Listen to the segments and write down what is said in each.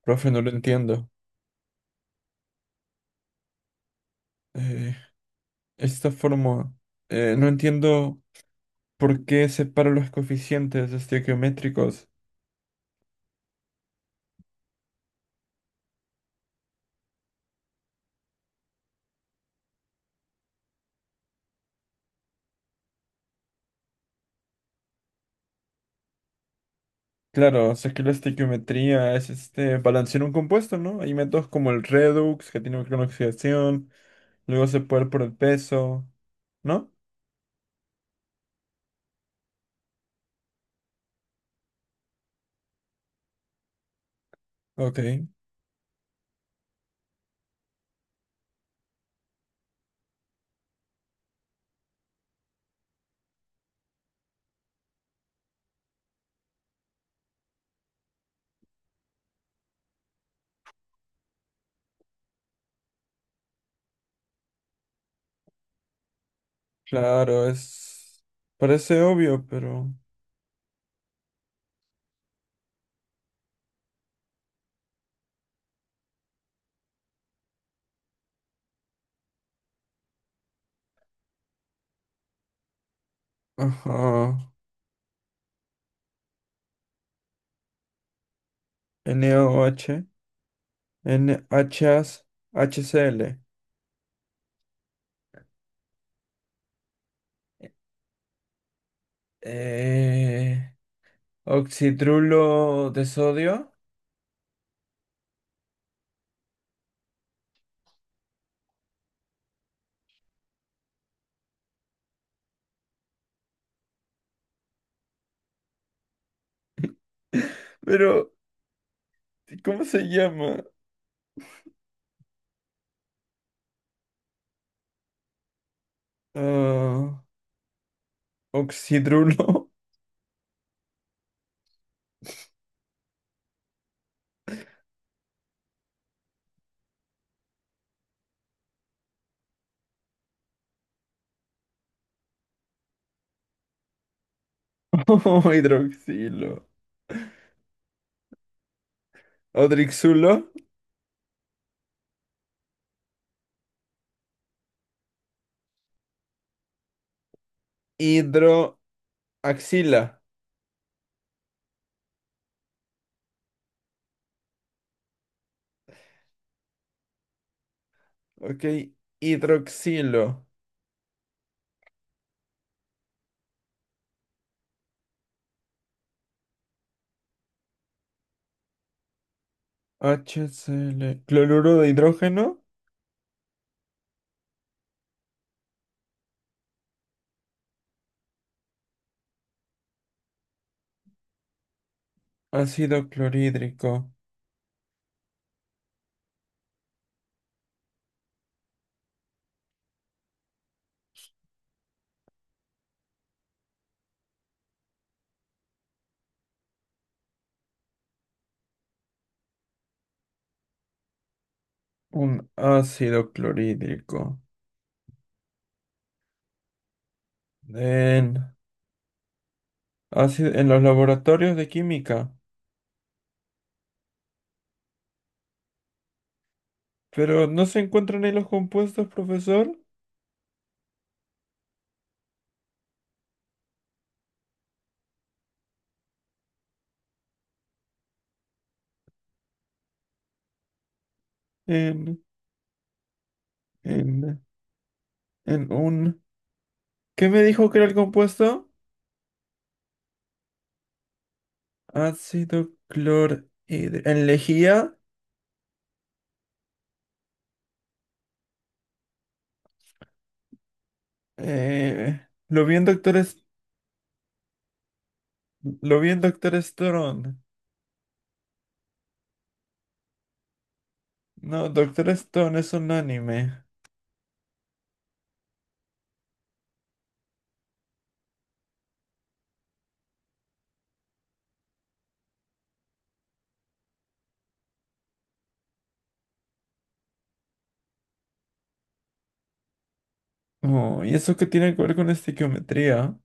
Profe, no lo entiendo. Eh, esta forma, no entiendo por qué separo los coeficientes estequiométricos. Claro, sé que la estequiometría es este balancear un compuesto, ¿no? Hay métodos como el redox, que tiene una oxidación, luego se puede ir por el peso, ¿no? Ok, claro, es. Parece obvio, pero. Ajá. NaOH, NHAs, HCl. Eh... Oxidrulo de sodio. Pero, ¿cómo se llama? Ah, oxidrulo. O hidroxilo. Odrixulo. Hidroaxila. Ok. Hidroxilo. HCl. Cloruro de hidrógeno. Ácido clorhídrico. Un ácido clorhídrico. En, ácido- en los laboratorios de química. Pero no se encuentran ahí los compuestos, profesor. En, en, en un. ¿Qué me dijo que era el compuesto? Ácido clorhidro... En lejía. Lo vi en Doctor... Lo vi en Doctor Stone. No, Doctor Stone es un anime. Oh, ¿y eso qué tiene que ver con estequiometría?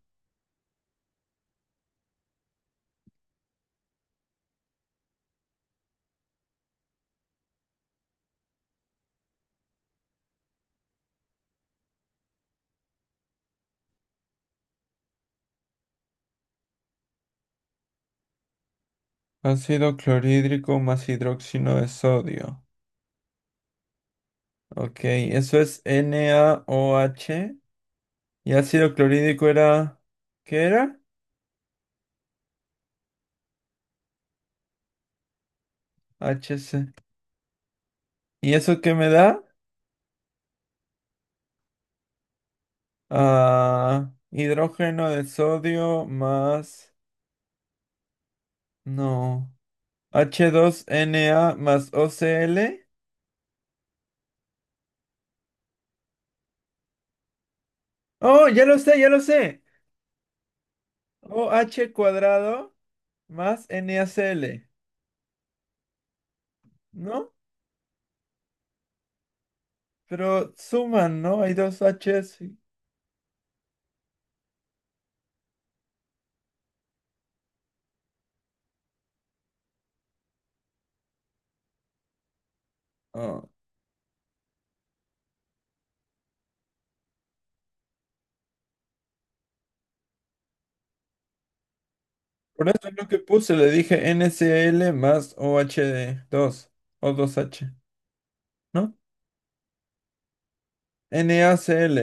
Ácido clorhídrico más hidróxido de sodio. Ok, eso es NaOH. Y ácido clorhídrico era. ¿Qué era? HC. ¿Y eso qué me da? Ah, hidrógeno de sodio más. No. H2Na más O C l. Oh, ya lo sé, ya lo sé. OH cuadrado más NaCl. ¿No? Pero suman, ¿no? Hay dos Hs. Ah, por eso es lo que puse. Le dije NCl más oh dos o dos H, ¿no? NaCl.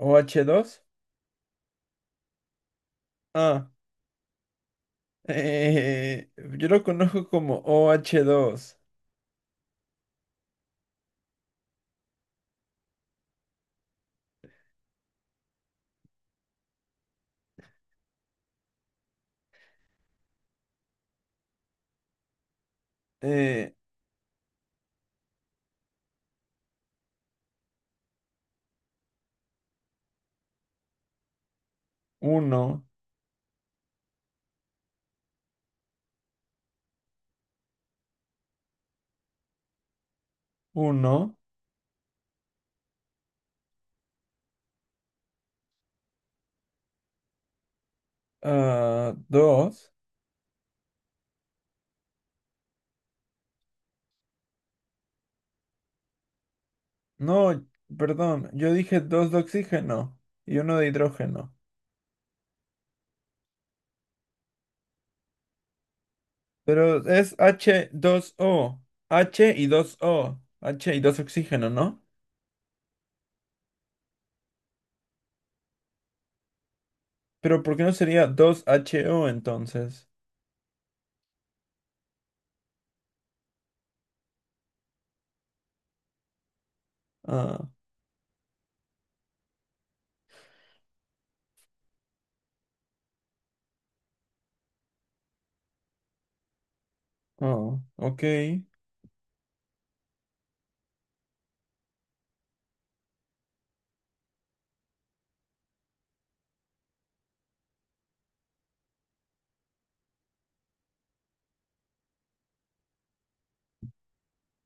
Oh dos. Ah. eh, yo lo conozco como oh dos. eh, uno, uno, ah, dos. No, perdón, yo dije dos de oxígeno y uno de hidrógeno. Pero es h dos o H y 2 o H y dos oxígeno, ¿no? Pero ¿por qué no sería dos H O entonces? Ah, oh, ok. ¿Qué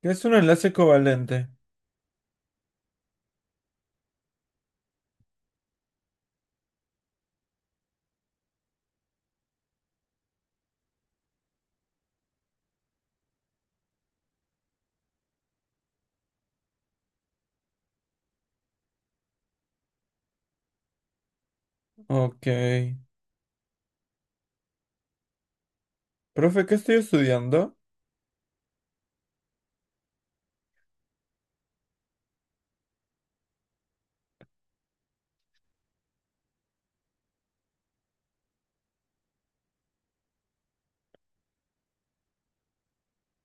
es un enlace covalente? Ok. Profe, ¿qué estoy estudiando?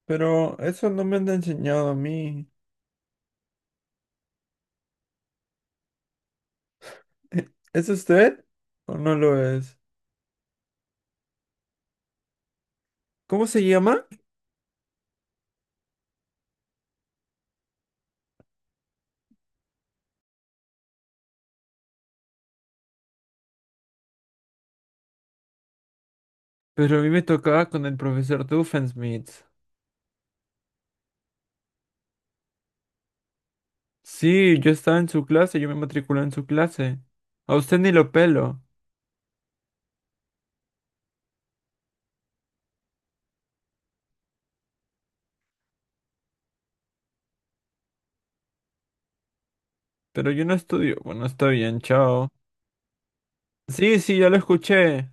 Pero eso no me han enseñado a mí. ¿Es usted o no lo es? ¿Cómo se llama? Pero a mí me tocaba con el profesor Doofenshmirtz. Sí, yo estaba en su clase, yo me matriculé en su clase. A usted ni lo pelo, pero yo no estudio. Bueno, está bien, chao. Sí, sí, ya lo escuché.